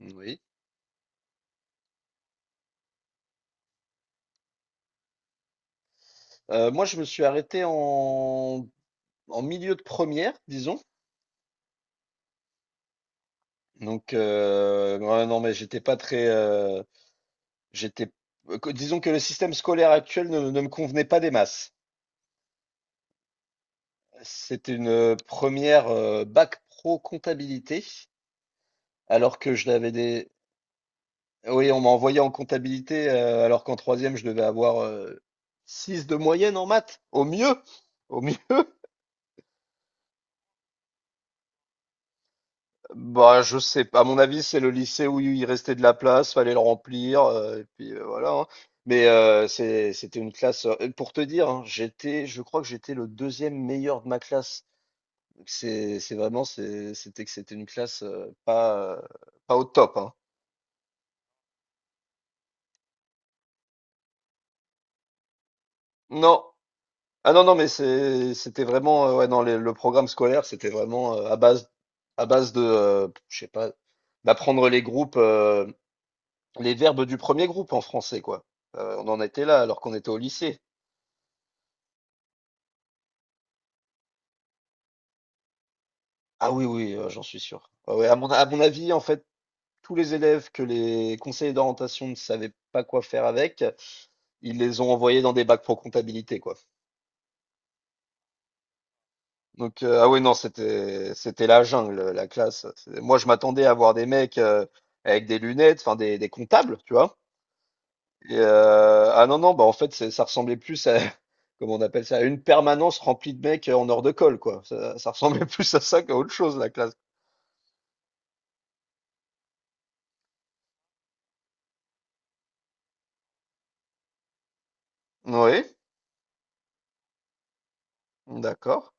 Oui. Moi, je me suis arrêté en milieu de première, disons. Donc, ouais, non, mais j'étais pas très. J'étais, Disons que le système scolaire actuel ne me convenait pas des masses. C'était une première bac pro comptabilité, alors que je l'avais des. Oui, on m'a envoyé en comptabilité, alors qu'en troisième, je devais avoir 6 de moyenne en maths, au mieux. Au mieux. Bah, je sais pas. À mon avis, c'est le lycée où il restait de la place, fallait le remplir, et puis, voilà, hein. Mais, c'était une classe, pour te dire, hein, j'étais je crois que j'étais le deuxième meilleur de ma classe. C'est vraiment. C'est c'était que c'était une classe, pas au top, hein. Non. Ah non, non, mais c'était vraiment, ouais, non, les le programme scolaire, c'était vraiment, à base de, je sais pas, d'apprendre les groupes, les verbes du premier groupe en français, quoi. On en était là alors qu'on était au lycée. Ah oui, oui, j'en suis sûr. Ah ouais, à mon avis, en fait, tous les élèves que les conseillers d'orientation ne savaient pas quoi faire avec, ils les ont envoyés dans des bacs pro comptabilité, quoi. Donc, ah oui, non, c'était la jungle, la classe. Moi, je m'attendais à voir des mecs avec des lunettes, enfin, des comptables, tu vois. Et, ah non, non, bah en fait, ça ressemblait plus à, comment on appelle ça, à une permanence remplie de mecs en hors de colle, quoi. Ça ressemblait plus à ça qu'à autre chose, la classe. Oui, d'accord.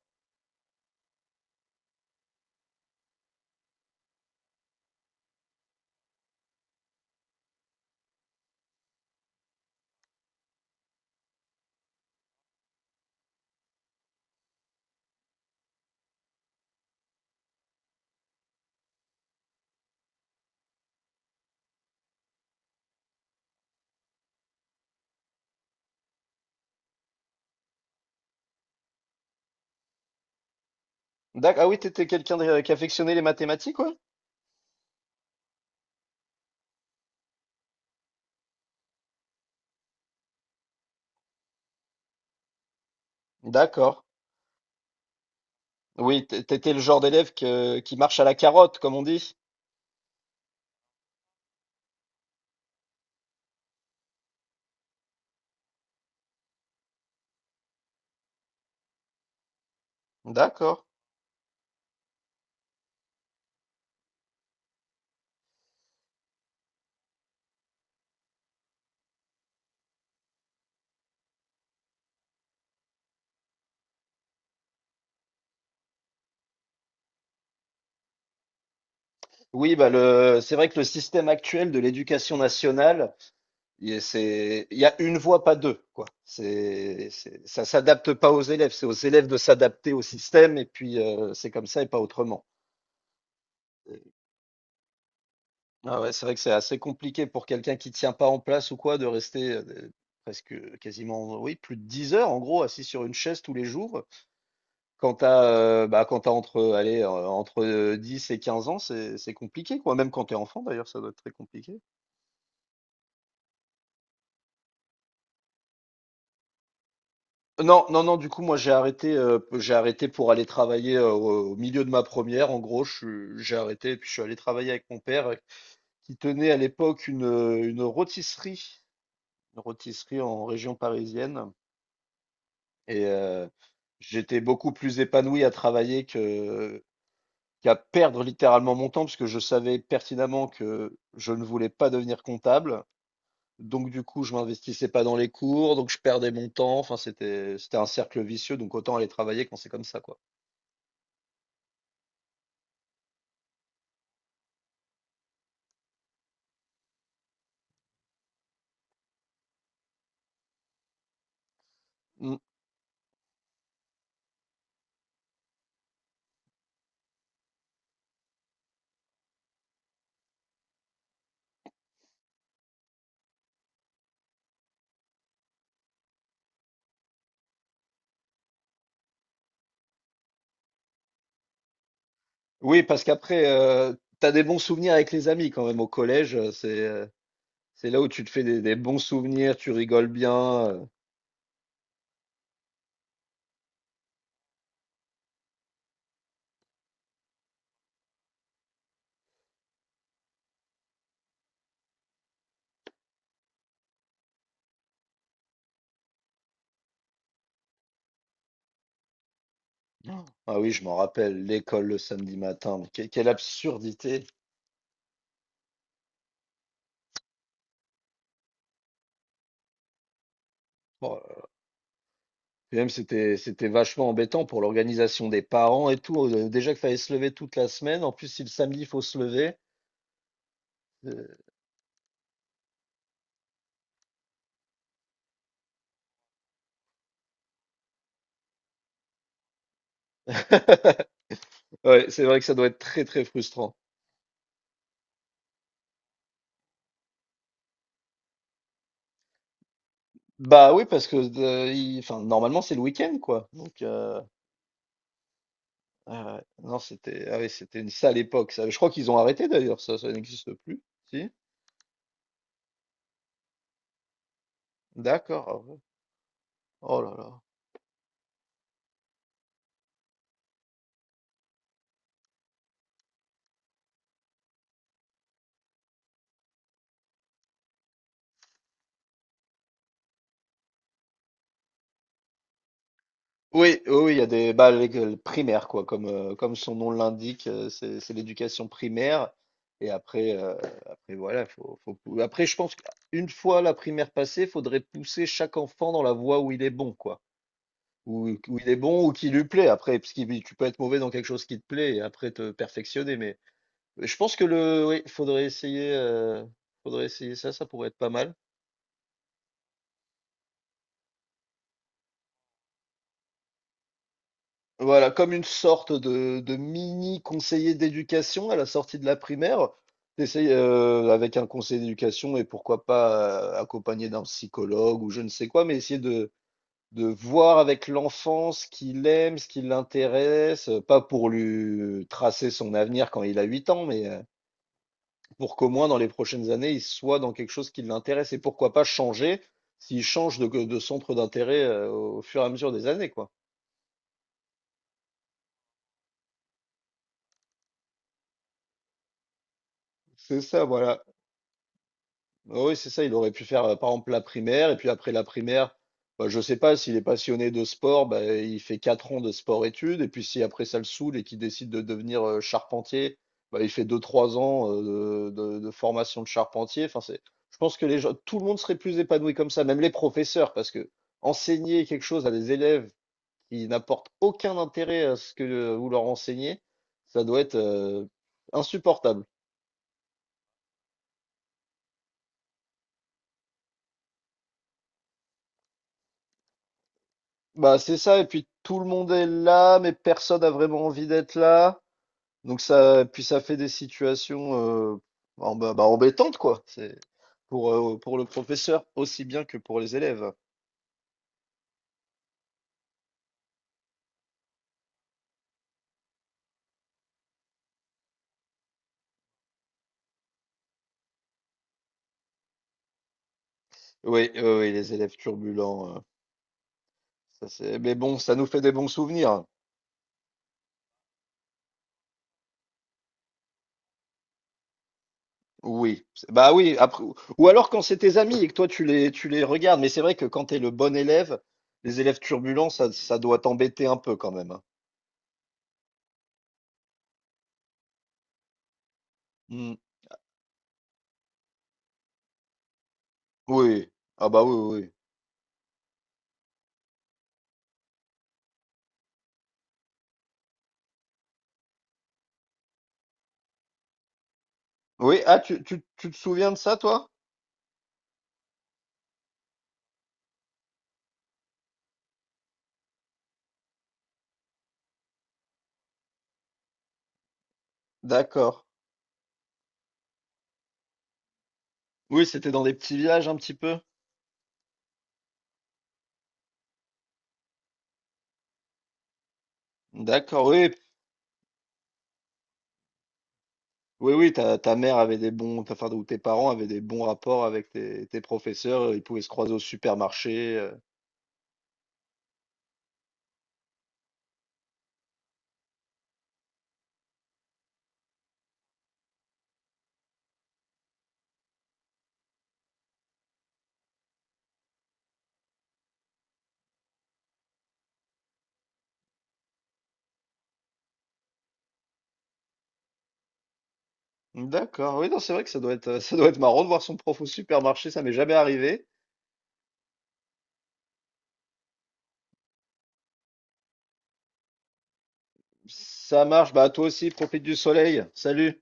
Ah oui, t'étais quelqu'un qui affectionnait les mathématiques, ouais? D'accord. Oui, t'étais le genre d'élève qui marche à la carotte, comme on dit. D'accord. Oui, bah, c'est vrai que le système actuel de l'éducation nationale. Il y a une voix, pas deux, quoi. Ça s'adapte pas aux élèves, c'est aux élèves de s'adapter au système, et puis c'est comme ça et pas autrement. Ah ouais, c'est vrai que c'est assez compliqué pour quelqu'un qui tient pas en place ou quoi de rester presque quasiment, oui, plus de 10 heures en gros assis sur une chaise tous les jours. Quand t'as, bah, quand t'as entre 10 et 15 ans, c'est compliqué, quoi. Même quand t'es enfant, d'ailleurs, ça doit être très compliqué. Non, non, non, du coup, moi, j'ai arrêté pour aller travailler au milieu de ma première. En gros, j'ai arrêté et puis je suis allé travailler avec mon père qui tenait à l'époque une rôtisserie, une rôtisserie en région parisienne. Et j'étais beaucoup plus épanoui à travailler qu'à perdre littéralement mon temps parce que je savais pertinemment que je ne voulais pas devenir comptable. Donc, du coup, je m'investissais pas dans les cours, donc je perdais mon temps. Enfin, c'était un cercle vicieux, donc autant aller travailler quand c'est comme ça, quoi. Mm. Oui, parce qu'après, t'as des bons souvenirs avec les amis quand même au collège. C'est là où tu te fais des bons souvenirs, tu rigoles bien. Oh. Ah oui, je m'en rappelle, l'école le samedi matin. Quelle absurdité. Bon, et même c'était vachement embêtant pour l'organisation des parents et tout. Déjà qu'il fallait se lever toute la semaine. En plus, si le samedi, il faut se lever. euh, Ouais, c'est vrai que ça doit être très très frustrant. Bah oui, parce que enfin, normalement c'est le week-end quoi. Donc. Ah ouais. Non, c'était ah oui, c'était une sale époque, ça. Je crois qu'ils ont arrêté d'ailleurs, ça n'existe plus. Si? D'accord. Ah ouais. Oh là là. Oui, oui, oui, il y a des bah, l'école primaire, quoi, comme, comme son nom l'indique, c'est l'éducation primaire. Et après, voilà. Après, je pense qu'une fois la primaire passée, faudrait pousser chaque enfant dans la voie où il est bon, quoi. Où il est bon ou qui lui plaît. Après, parce que tu peux être mauvais dans quelque chose qui te plaît et après te perfectionner, mais. Je pense que oui, faudrait essayer ça, ça pourrait être pas mal. Voilà, comme une sorte de, mini conseiller d'éducation à la sortie de la primaire. T'essayes avec un conseiller d'éducation et pourquoi pas accompagné d'un psychologue ou je ne sais quoi, mais essayer de voir avec l'enfant ce qu'il aime, ce qui l'intéresse, pas pour lui tracer son avenir quand il a 8 ans, mais pour qu'au moins dans les prochaines années, il soit dans quelque chose qui l'intéresse et pourquoi pas changer s'il change de centre d'intérêt au fur et à mesure des années, quoi. C'est ça, voilà. Ah oui, c'est ça. Il aurait pu faire, par exemple, la primaire et puis après la primaire, bah, je sais pas, s'il est passionné de sport, bah, il fait 4 ans de sport-études et puis si après ça le saoule et qu'il décide de devenir charpentier, bah, il fait 2, 3 ans de formation de charpentier. Enfin, je pense que les gens, tout le monde serait plus épanoui comme ça, même les professeurs, parce que enseigner quelque chose à des élèves qui n'apportent aucun intérêt à ce que vous leur enseignez, ça doit être insupportable. Bah, c'est ça, et puis tout le monde est là, mais personne n'a vraiment envie d'être là. Donc ça, puis ça fait des situations bah, bah, embêtantes, quoi. C'est pour le professeur aussi bien que pour les élèves. Oui, oui, oui, les élèves turbulents. Mais bon, ça nous fait des bons souvenirs. Oui, bah oui, après, ou alors quand c'est tes amis et que toi tu les regardes, mais c'est vrai que quand t'es le bon élève, les élèves turbulents, ça doit t'embêter un peu quand même. Hein. Mm. Oui, ah bah oui, oui. Oui, oui, ah, tu te souviens de ça, toi? D'accord. Oui, c'était dans des petits villages un petit peu. D'accord, oui, oui, oui, ta mère avait enfin, ou tes parents avaient des bons rapports avec tes professeurs, ils pouvaient se croiser au supermarché. D'accord, oui, non, c'est vrai que ça doit être, ça doit être marrant de voir son prof au supermarché, ça m'est jamais arrivé. Ça marche, bah toi aussi, profite du soleil. Salut.